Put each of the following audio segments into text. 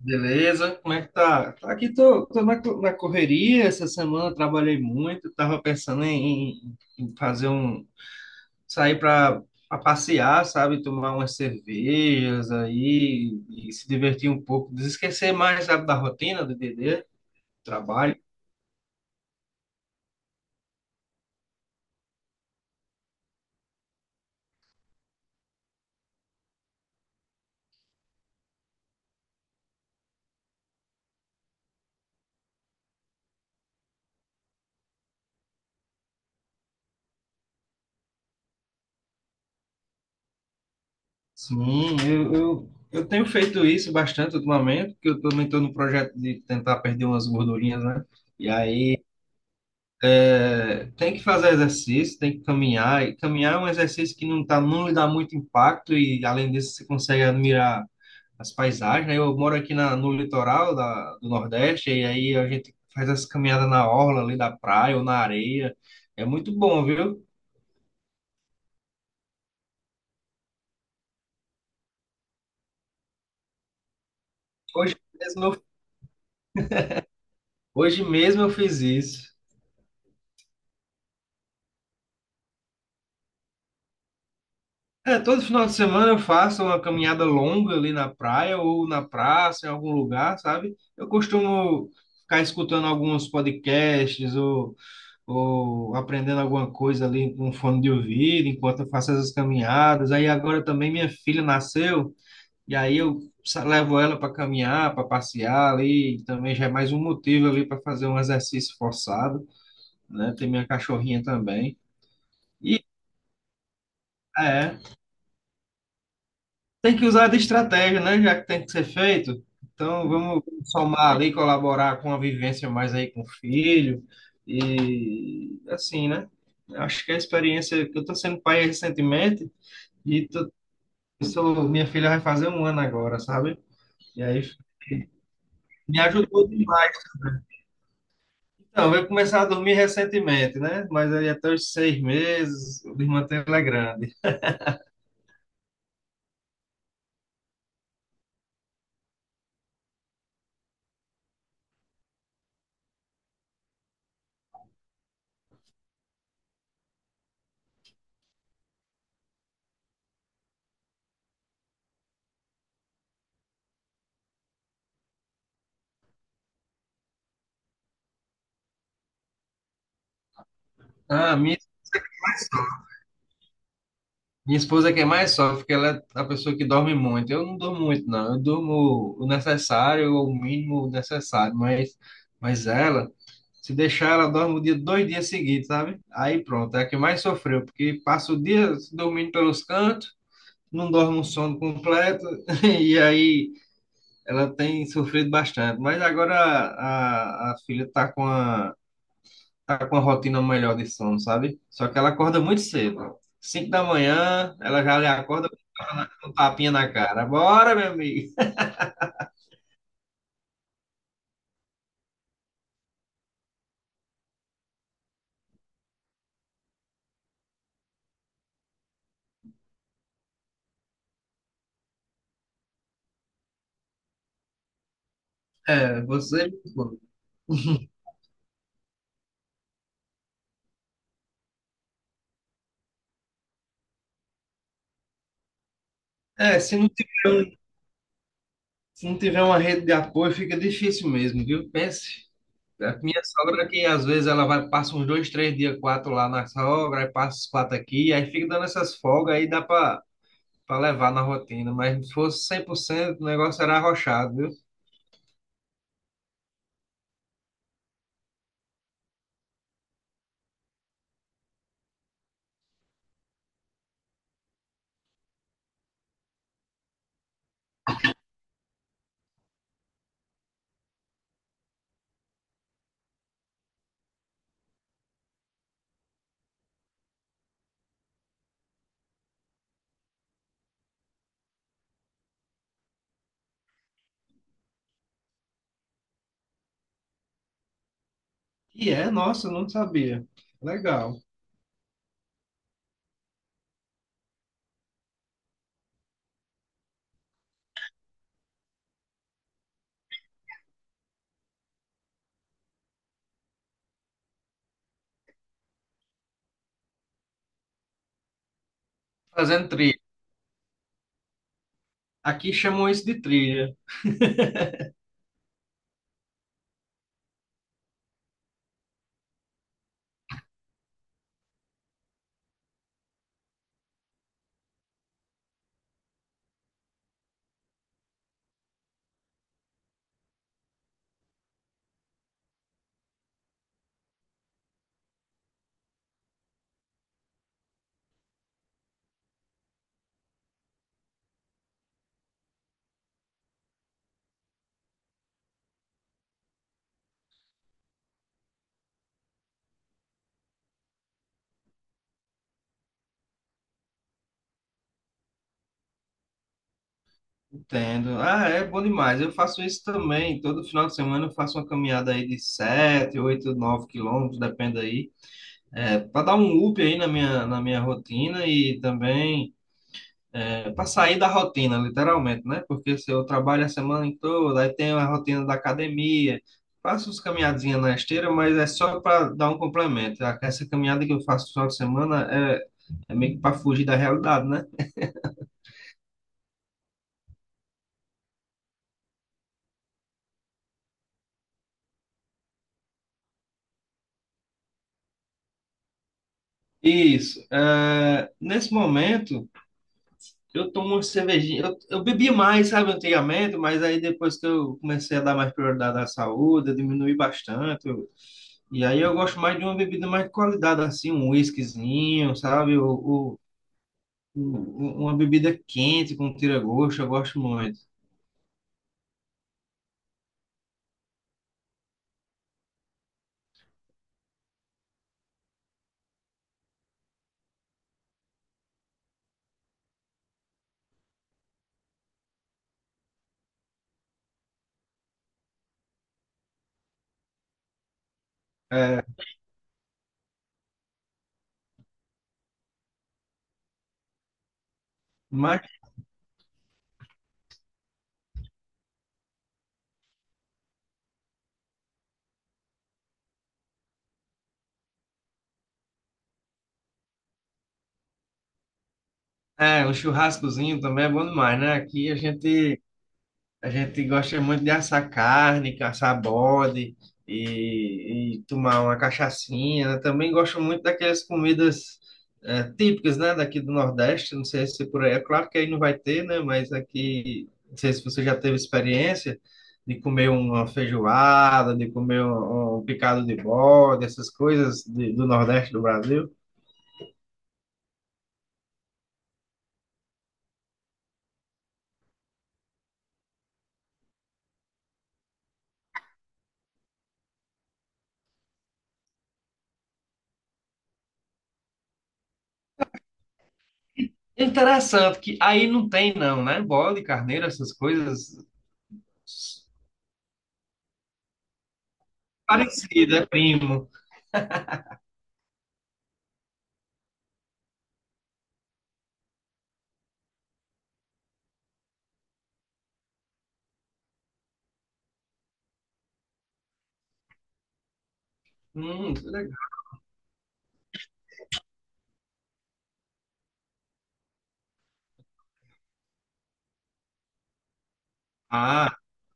Beleza? Como é que tá? Tá Aqui tô, tô na, co- Na correria essa semana, eu trabalhei muito, tava pensando em fazer sair para passear, sabe? Tomar umas cervejas aí e se divertir um pouco, desesquecer mais, sabe, da rotina do DD, trabalho. Sim, eu tenho feito isso bastante ultimamente, porque eu também tô no projeto de tentar perder umas gordurinhas, né? E aí É, tem que fazer exercício, tem que caminhar. E caminhar é um exercício que não lhe dá muito impacto, e além disso, você consegue admirar as paisagens. Né? Eu moro aqui no litoral do Nordeste, e aí a gente faz essa caminhada na orla ali da praia ou na areia. É muito bom, viu? Hoje mesmo eu, hoje mesmo eu fiz isso. É, todo final de semana eu faço uma caminhada longa ali na praia ou na praça, em algum lugar, sabe? Eu costumo ficar escutando alguns podcasts ou aprendendo alguma coisa ali com fone de ouvido, enquanto eu faço essas caminhadas. Aí agora também minha filha nasceu, e aí eu levo ela para caminhar, para passear ali, também já é mais um motivo ali para fazer um exercício forçado, né? Tem minha cachorrinha também. E é, tem que usar de estratégia, né? Já que tem que ser feito. Então vamos somar ali, colaborar com a vivência mais aí com o filho. E assim, né? Acho que a experiência que eu estou sendo pai recentemente, E tu- eu sou, minha filha vai fazer um ano agora, sabe? E aí me ajudou demais. Então, eu comecei a dormir recentemente, né? Mas aí até os seis meses, o manter ela é grande. Ah, minha esposa que é mais sofre, porque ela é a pessoa que dorme muito. Eu não durmo muito, não. Eu durmo o necessário, ou o mínimo necessário. Mas ela, se deixar, ela dorme o dia, dois dias seguidos, sabe? Aí pronto, é a que mais sofreu, porque passa o dia dormindo pelos cantos, não dorme um sono completo, e aí. Ela tem sofrido bastante, mas agora a filha tá com a rotina melhor de sono, sabe? Só que ela acorda muito cedo. Cinco da manhã, ela já lhe acorda com um tapinha na cara. Bora, meu amigo. É, você. É, se não tiver uma rede de apoio, fica difícil mesmo, viu? Pense. A minha sogra que às vezes ela vai, passa uns dois, três dias, quatro lá na sogra, aí passa os quatro aqui, aí fica dando essas folgas, aí dá para levar na rotina, mas se fosse 100% o negócio era arrochado, viu? E é, nossa, eu não sabia. Legal. Fazendo trilha. Aqui chamam isso de trilha. Entendo. Ah, é bom demais. Eu faço isso também. Todo final de semana eu faço uma caminhada aí de 7, 8, 9 km, depende aí. É, para dar um up aí na minha rotina e também é, para sair da rotina, literalmente, né? Porque se eu trabalho a semana toda, aí tem a rotina da academia, faço uns caminhadinhas na esteira, mas é só para dar um complemento. Essa caminhada que eu faço no final de semana é, é meio que para fugir da realidade, né? Isso. É, nesse momento, eu tomo uma cervejinha. Eu bebi mais, sabe, antigamente, mas aí depois que eu comecei a dar mais prioridade à saúde, eu diminui bastante. E aí eu gosto mais de uma bebida mais de qualidade, assim, um whiskyzinho, sabe? Ou, uma bebida quente com tira-gosto, eu gosto muito. É, mas é, um churrascozinho também é bom demais, né? Aqui a gente A gente gosta muito de assar carne, caçar bode e tomar uma cachaçinha. Eu também gosto muito daquelas comidas típicas, né, daqui do Nordeste. Não sei se por aí, é claro que aí não vai ter, né, mas aqui, não sei se você já teve experiência de comer uma feijoada, de comer um picado de bode, essas coisas do Nordeste do Brasil. Interessante que aí não tem não, né? Bode, carneiro, essas coisas parecidas, é primo. Que legal. Ah,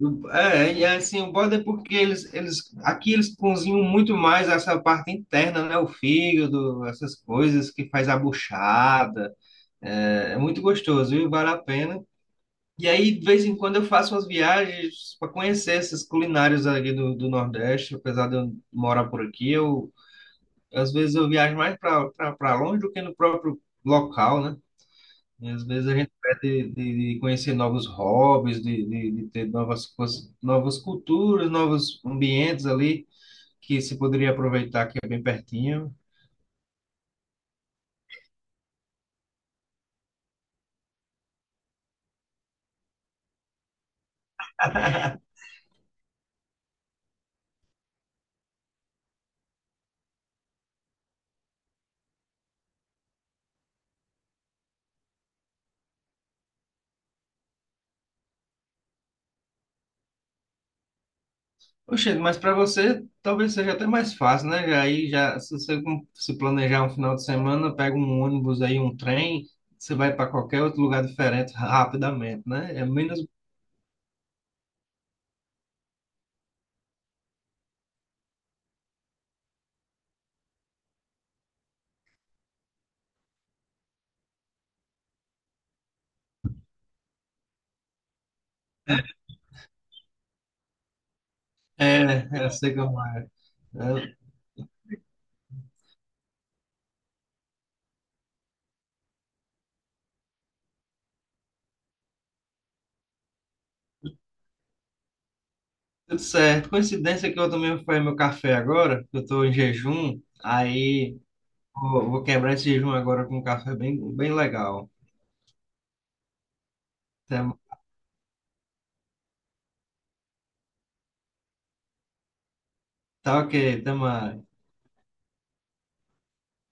é, e assim, o bode é porque aqui eles cozinham muito mais essa parte interna, né? O fígado, essas coisas que faz a buchada. É, é muito gostoso, viu? Vale a pena. E aí, de vez em quando, eu faço umas viagens para conhecer essas culinárias ali do Nordeste, apesar de eu morar por aqui, eu, às vezes eu viajo mais para longe do que no próprio local, né? E às vezes a gente perde de conhecer novos hobbies, de ter novas coisas, novas culturas, novos ambientes ali que se poderia aproveitar, que é bem pertinho. Oxe, mas para você talvez seja até mais fácil, né? Se você se planejar um final de semana, pega um ônibus aí, um trem, você vai para qualquer outro lugar diferente rapidamente, né? É menos. É, eu sei como é. É, tudo certo. Coincidência que eu também fui fazer meu café agora, que eu estou em jejum. Aí. Vou quebrar esse jejum agora com um café bem legal. Tá, tá ok, tamo mais.